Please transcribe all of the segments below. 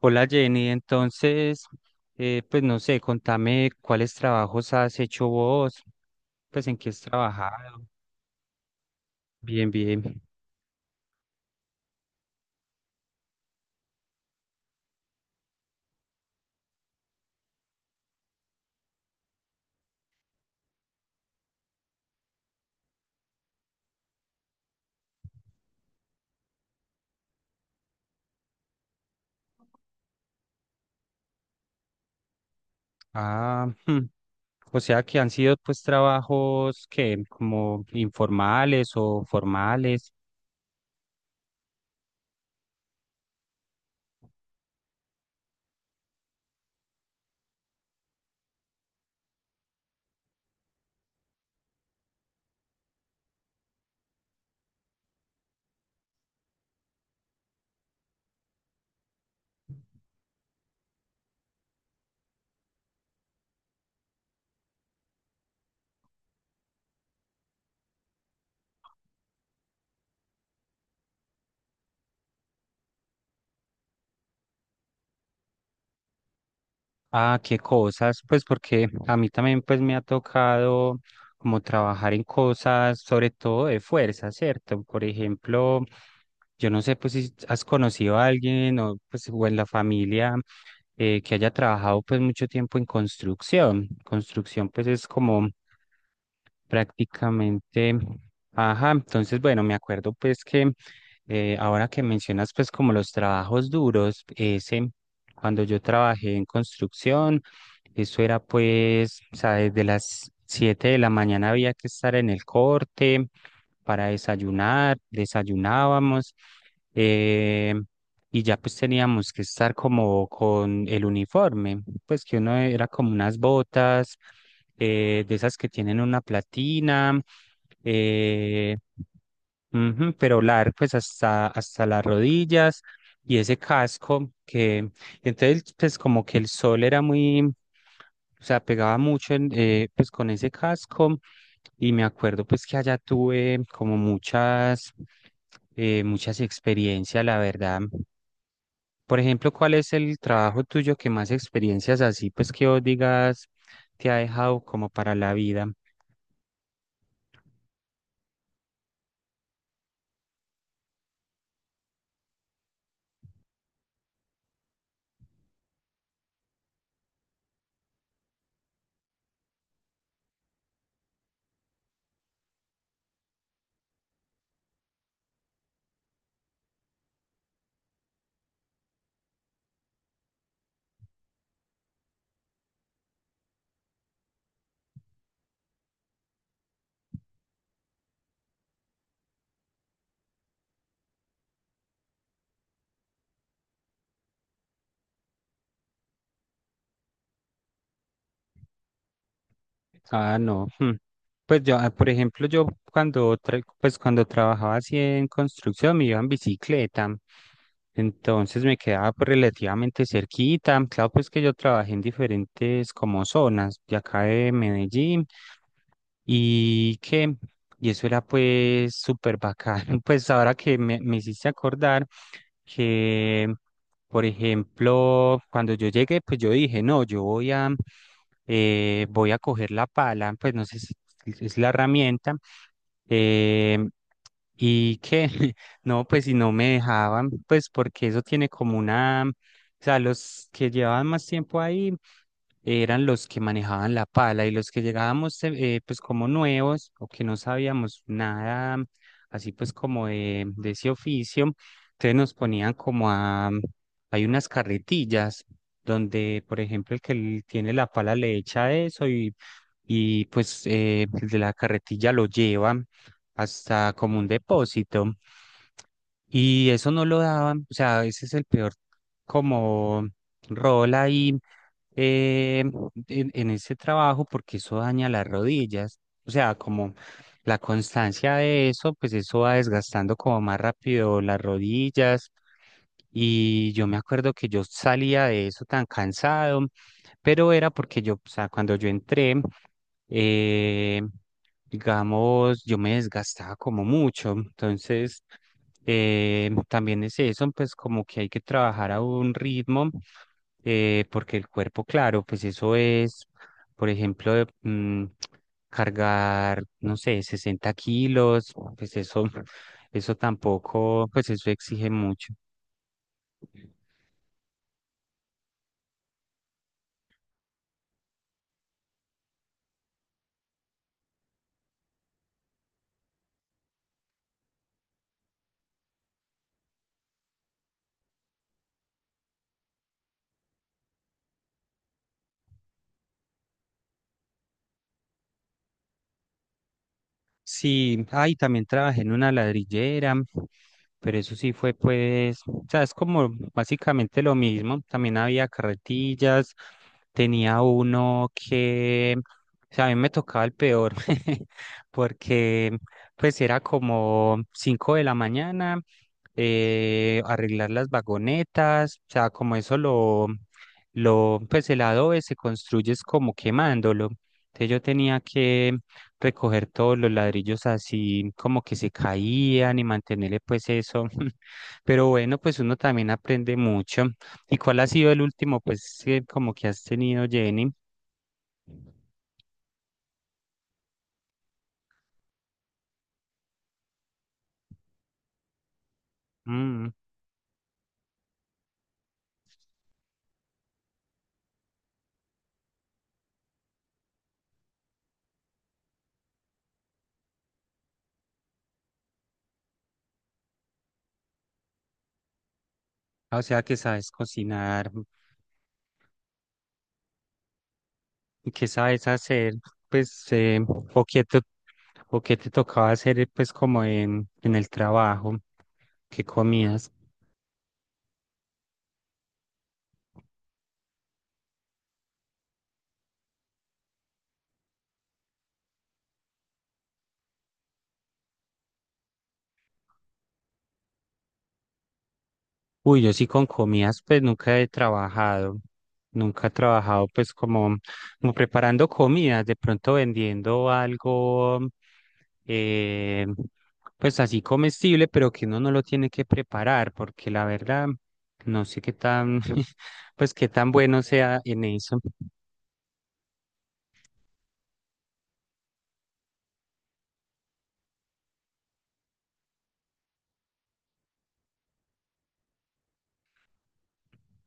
Hola Jenny. Pues no sé, contame cuáles trabajos has hecho vos, pues en qué has trabajado. Bien, bien. Ah, hmm, o sea que han sido pues trabajos que como informales o formales. Ah, qué cosas, pues porque a mí también pues me ha tocado como trabajar en cosas, sobre todo de fuerza, ¿cierto? Por ejemplo, yo no sé pues si has conocido a alguien o pues o en la familia que haya trabajado pues mucho tiempo en construcción. Construcción pues es como prácticamente, ajá. Entonces bueno, me acuerdo pues que ahora que mencionas, pues, como los trabajos duros, ese, cuando yo trabajé en construcción, eso era, pues, o sea, desde las 7 de la mañana había que estar en el corte para desayunar. Desayunábamos, eh, y ya, pues, teníamos que estar como con el uniforme, pues, que uno era como unas botas de esas que tienen una platina, eh, ujú, pero largo pues hasta las rodillas y ese casco que entonces pues como que el sol era muy, o sea, pegaba mucho en, pues con ese casco. Y me acuerdo pues que allá tuve como muchas experiencias, la verdad. Por ejemplo, ¿cuál es el trabajo tuyo que más experiencias así, pues, que vos digas, te ha dejado como para la vida? Ah, no. Hmm. Pues yo, ah, por ejemplo, yo cuando, pues cuando trabajaba así en construcción me iba en bicicleta, entonces me quedaba pues relativamente cerquita. Claro, pues que yo trabajé en diferentes como zonas de acá de Medellín y que, y eso era pues súper bacán. Pues ahora que me hiciste acordar que por ejemplo, cuando yo llegué, pues yo dije, no, yo voy a coger la pala, pues no sé si es la herramienta, eh, y que, no, pues si no me dejaban, pues porque eso tiene como una, o sea, los que llevaban más tiempo ahí eran los que manejaban la pala, y los que llegábamos pues como nuevos o que no sabíamos nada, así pues como de ese oficio, entonces nos ponían como a, hay unas carretillas donde, por ejemplo, el que tiene la pala le echa eso, y pues el de la carretilla lo lleva hasta como un depósito. Y eso no lo daban, o sea, ese es el peor como rol ahí, eh, en ese trabajo, porque eso daña las rodillas. O sea, como la constancia de eso, pues eso va desgastando como más rápido las rodillas. Y yo me acuerdo que yo salía de eso tan cansado, pero era porque yo, o sea, cuando yo entré, eh, digamos, yo me desgastaba como mucho. Entonces… también es eso, pues como que hay que trabajar a un ritmo, porque el cuerpo, claro, pues eso es, por ejemplo, cargar, no sé, 60 kilos, pues eso, eso tampoco, pues eso exige mucho. Sí, ahí también trabajé en una ladrillera, pero eso sí fue pues, o sea, es como básicamente lo mismo. También había carretillas, tenía uno que, o sea, a mí me tocaba el peor, porque pues era como 5 de la mañana, arreglar las vagonetas, o sea, como eso pues el adobe se construye es como quemándolo. Entonces yo tenía que recoger todos los ladrillos así como que se caían y mantenerle pues eso. Pero bueno, pues uno también aprende mucho. ¿Y cuál ha sido el último pues que como que has tenido, Jenny? Mm. O sea que sabes cocinar, que sabes hacer, pues, o qué te, o qué te tocaba hacer pues como en el trabajo, qué comías. Uy, yo sí con comidas, pues nunca he trabajado, nunca he trabajado pues como, como preparando comidas, de pronto vendiendo algo, eh, pues así comestible, pero que uno no lo tiene que preparar, porque la verdad, no sé qué tan, pues qué tan bueno sea en eso.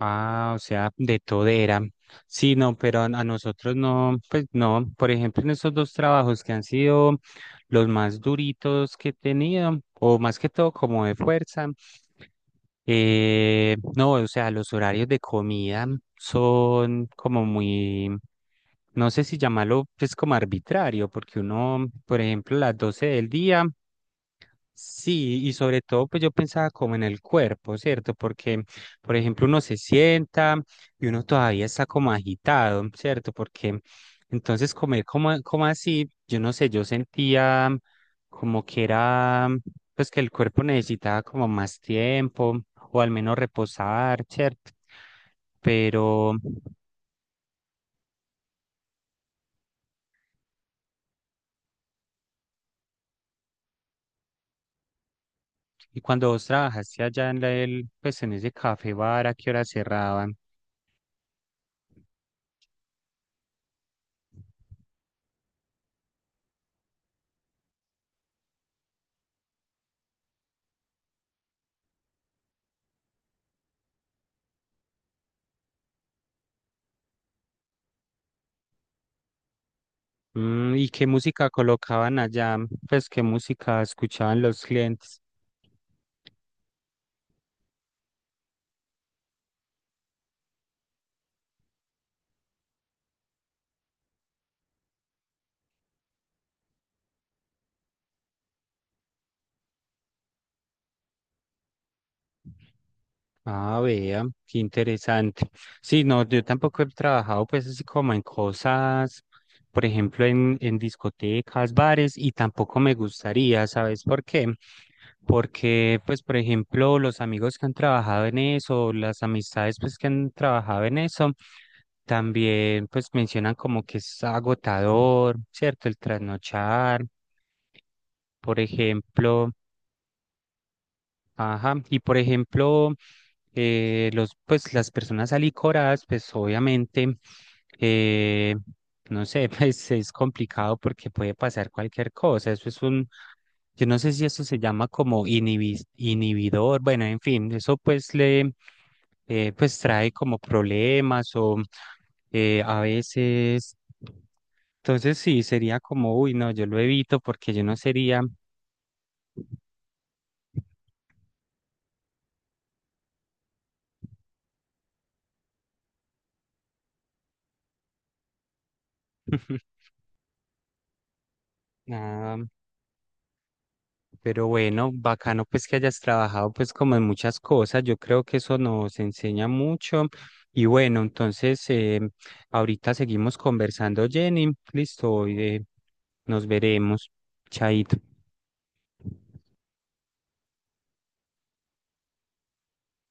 Ah, o sea, de todera. Sí, no, pero a nosotros no, pues no. Por ejemplo, en estos dos trabajos que han sido los más duritos que he tenido, o más que todo como de fuerza, no, o sea, los horarios de comida son como muy, no sé si llamarlo, pues como arbitrario, porque uno, por ejemplo, las 12 del día. Sí, y sobre todo, pues yo pensaba como en el cuerpo, ¿cierto? Porque, por ejemplo, uno se sienta y uno todavía está como agitado, ¿cierto? Porque entonces comer como, como así, yo no sé, yo sentía como que era, pues que el cuerpo necesitaba como más tiempo o al menos reposar, ¿cierto? Pero, y cuando vos trabajaste allá en el, pues en ese café bar, ¿a qué hora cerraban? Mm, ¿y qué música colocaban allá? Pues, ¿qué música escuchaban los clientes? Ah, vea, qué interesante. Sí, no, yo tampoco he trabajado pues así como en cosas, por ejemplo, en discotecas, bares, y tampoco me gustaría, ¿sabes por qué? Porque, pues, por ejemplo, los amigos que han trabajado en eso, las amistades pues que han trabajado en eso, también pues mencionan como que es agotador, ¿cierto? El trasnochar, por ejemplo. Ajá, y por ejemplo, los, pues las personas alicoradas, pues obviamente, eh, no sé, pues es complicado porque puede pasar cualquier cosa. Eso es un, yo no sé si eso se llama como inhibidor, bueno, en fin, eso pues pues trae como problemas o a veces. Entonces sí, sería como, uy, no, yo lo evito porque yo no sería, nada. Pero bueno, bacano pues que hayas trabajado pues como en muchas cosas, yo creo que eso nos enseña mucho. Y bueno, entonces ahorita seguimos conversando, Jenny, listo, hoy nos veremos, chaito.